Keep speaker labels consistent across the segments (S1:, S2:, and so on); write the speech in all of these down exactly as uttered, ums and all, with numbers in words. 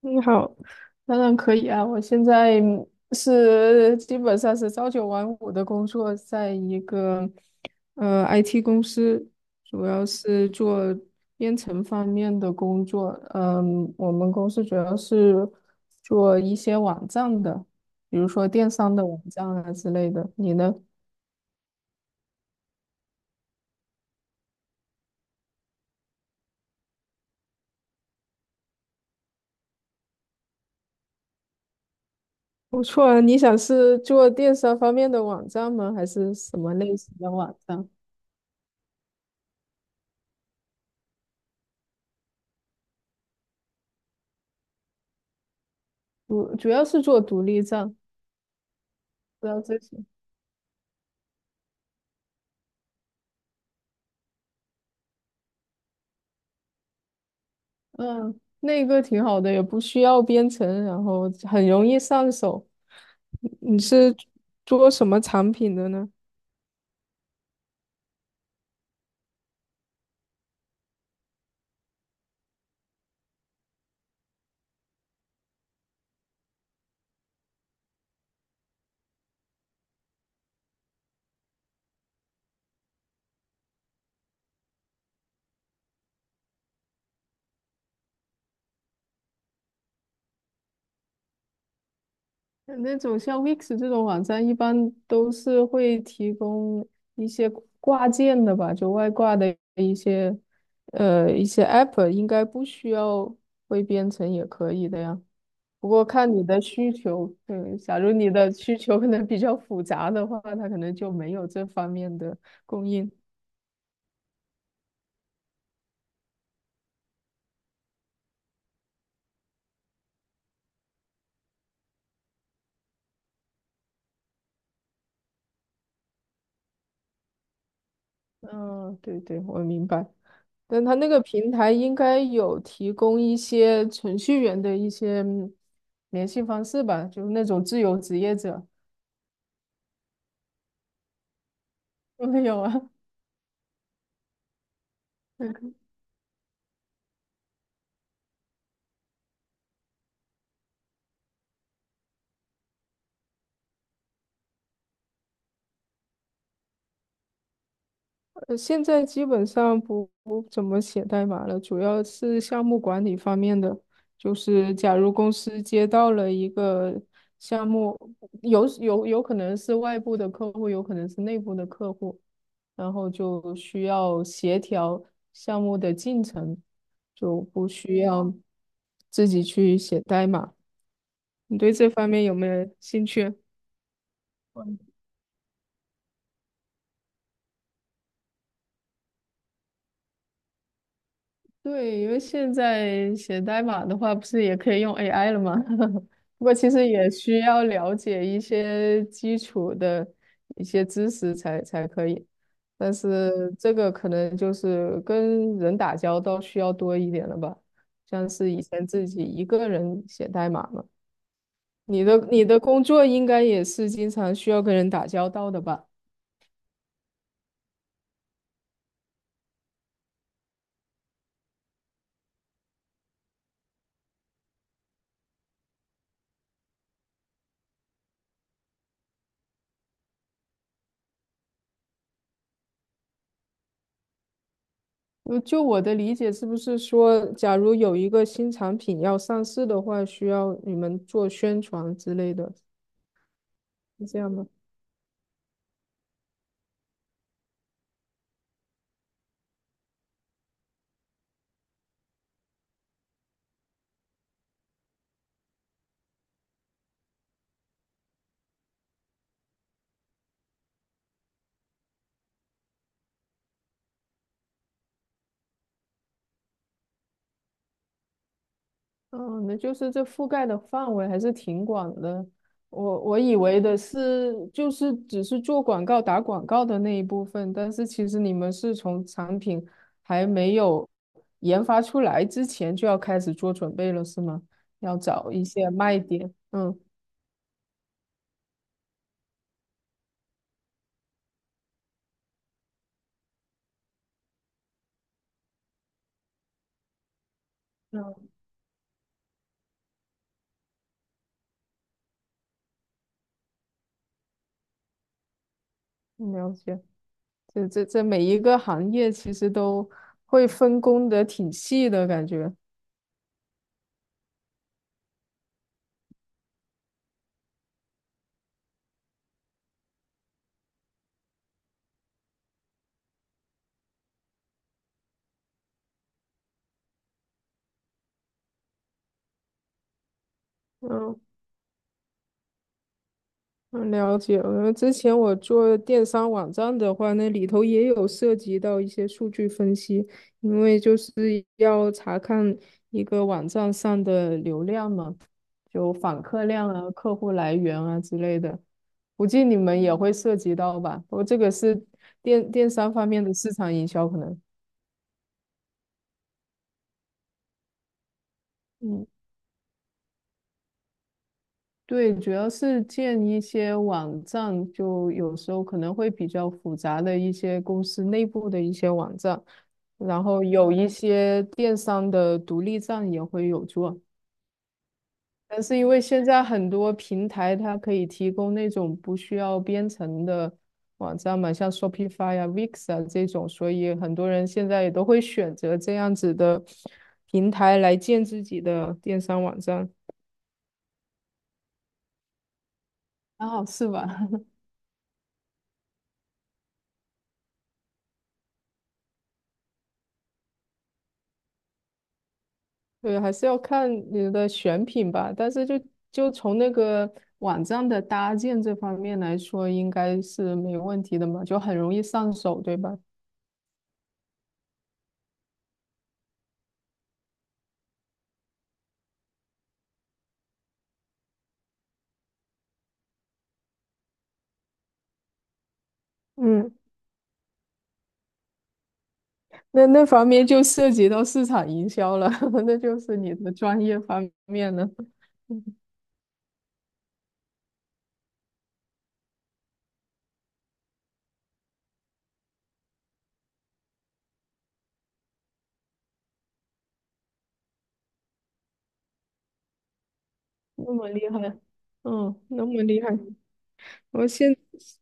S1: 你好，当然可以啊。我现在是基本上是朝九晚五的工作，在一个呃 I T 公司，主要是做编程方面的工作。嗯，我们公司主要是做一些网站的，比如说电商的网站啊之类的。你呢？不错啊，你想是做电商方面的网站吗？还是什么类型的网站？主主要是做独立站，不知道这。嗯，那个挺好的，也不需要编程，然后很容易上手。你是做什么产品的呢？那种像 Wix 这种网站，一般都是会提供一些挂件的吧，就外挂的一些呃一些 App，应该不需要会编程也可以的呀。不过看你的需求，嗯，假如你的需求可能比较复杂的话，它可能就没有这方面的供应。嗯，对对，我明白。但它那个平台应该有提供一些程序员的一些嗯联系方式吧，就是那种自由职业者。没有啊，那个呃现在基本上不不怎么写代码了，主要是项目管理方面的。就是假如公司接到了一个项目，有有有可能是外部的客户，有可能是内部的客户，然后就需要协调项目的进程，就不需要自己去写代码。你对这方面有没有兴趣？对，因为现在写代码的话，不是也可以用 A I 了吗？不过其实也需要了解一些基础的一些知识才才可以，但是这个可能就是跟人打交道需要多一点了吧，像是以前自己一个人写代码嘛。你的你的工作应该也是经常需要跟人打交道的吧？就就我的理解，是不是说，假如有一个新产品要上市的话，需要你们做宣传之类的，是这样吗？嗯，那就是这覆盖的范围还是挺广的。我我以为的是，就是只是做广告、打广告的那一部分，但是其实你们是从产品还没有研发出来之前就要开始做准备了，是吗？要找一些卖点。嗯，嗯，了解。这这这每一个行业其实都会分工的挺细的感觉。嗯。嗯，了解了。之前我做电商网站的话，那里头也有涉及到一些数据分析，因为就是要查看一个网站上的流量嘛，就访客量啊、客户来源啊之类的。估计你们也会涉及到吧？我这个是电电商方面的市场营销可能。嗯对，主要是建一些网站，就有时候可能会比较复杂的一些公司内部的一些网站，然后有一些电商的独立站也会有做。但是因为现在很多平台它可以提供那种不需要编程的网站嘛，像 Shopify 啊、Wix 啊这种，所以很多人现在也都会选择这样子的平台来建自己的电商网站。啊，是吧？对，还是要看你的选品吧。但是就就从那个网站的搭建这方面来说，应该是没问题的嘛，就很容易上手，对吧？嗯，那那方面就涉及到市场营销了，那就是你的专业方面了。嗯那么厉害，嗯，那么厉害。我现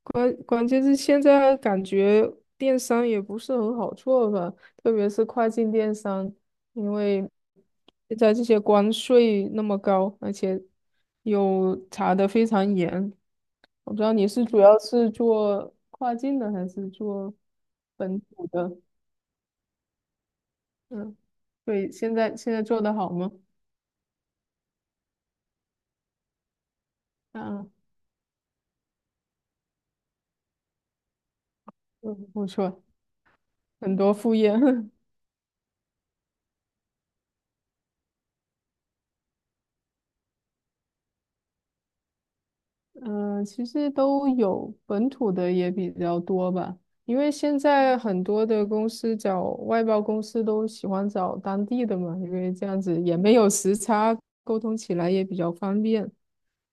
S1: 关关键是现在感觉电商也不是很好做吧，特别是跨境电商，因为现在这些关税那么高，而且又查的非常严。我不知道你是主要是做跨境的还是做本土的？嗯，对，现在现在做的好吗？啊，嗯，不错，很多副业。嗯，其实都有，本土的也比较多吧。因为现在很多的公司找外包公司都喜欢找当地的嘛，因为这样子也没有时差，沟通起来也比较方便，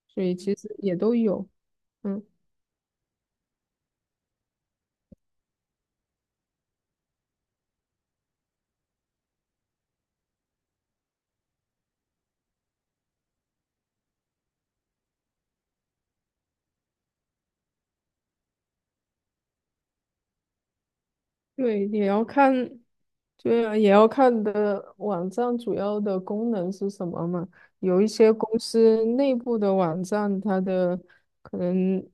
S1: 所以其实也都有。嗯。对，也要看，对啊，也要看的网站主要的功能是什么嘛。有一些公司内部的网站，它的可能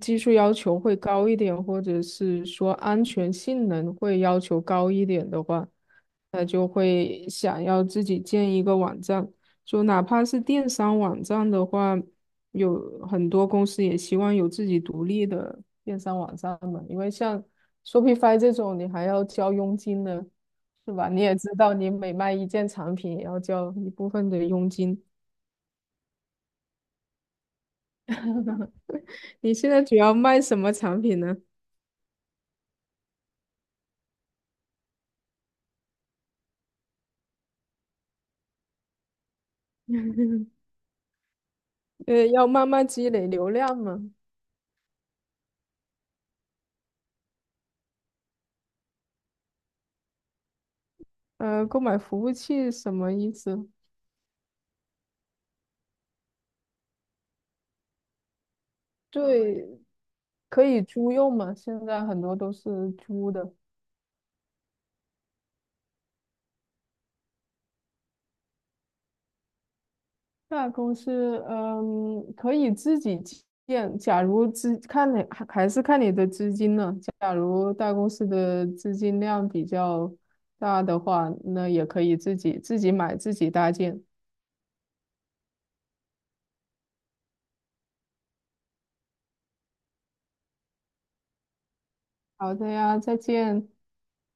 S1: 技术要求会高一点，或者是说安全性能会要求高一点的话，那就会想要自己建一个网站。就哪怕是电商网站的话，有很多公司也希望有自己独立的电商网站嘛，因为像Shopify 这种你还要交佣金呢，是吧？你也知道，你每卖一件产品也要交一部分的佣金。你现在主要卖什么产品呢？呃，要慢慢积累流量嘛。呃，购买服务器什么意思？对，可以租用嘛，现在很多都是租的。大公司，嗯，可以自己建。假如资看你还还是看你的资金呢。假如大公司的资金量比较大的话，那也可以自己自己买自己搭建。好的呀，再见。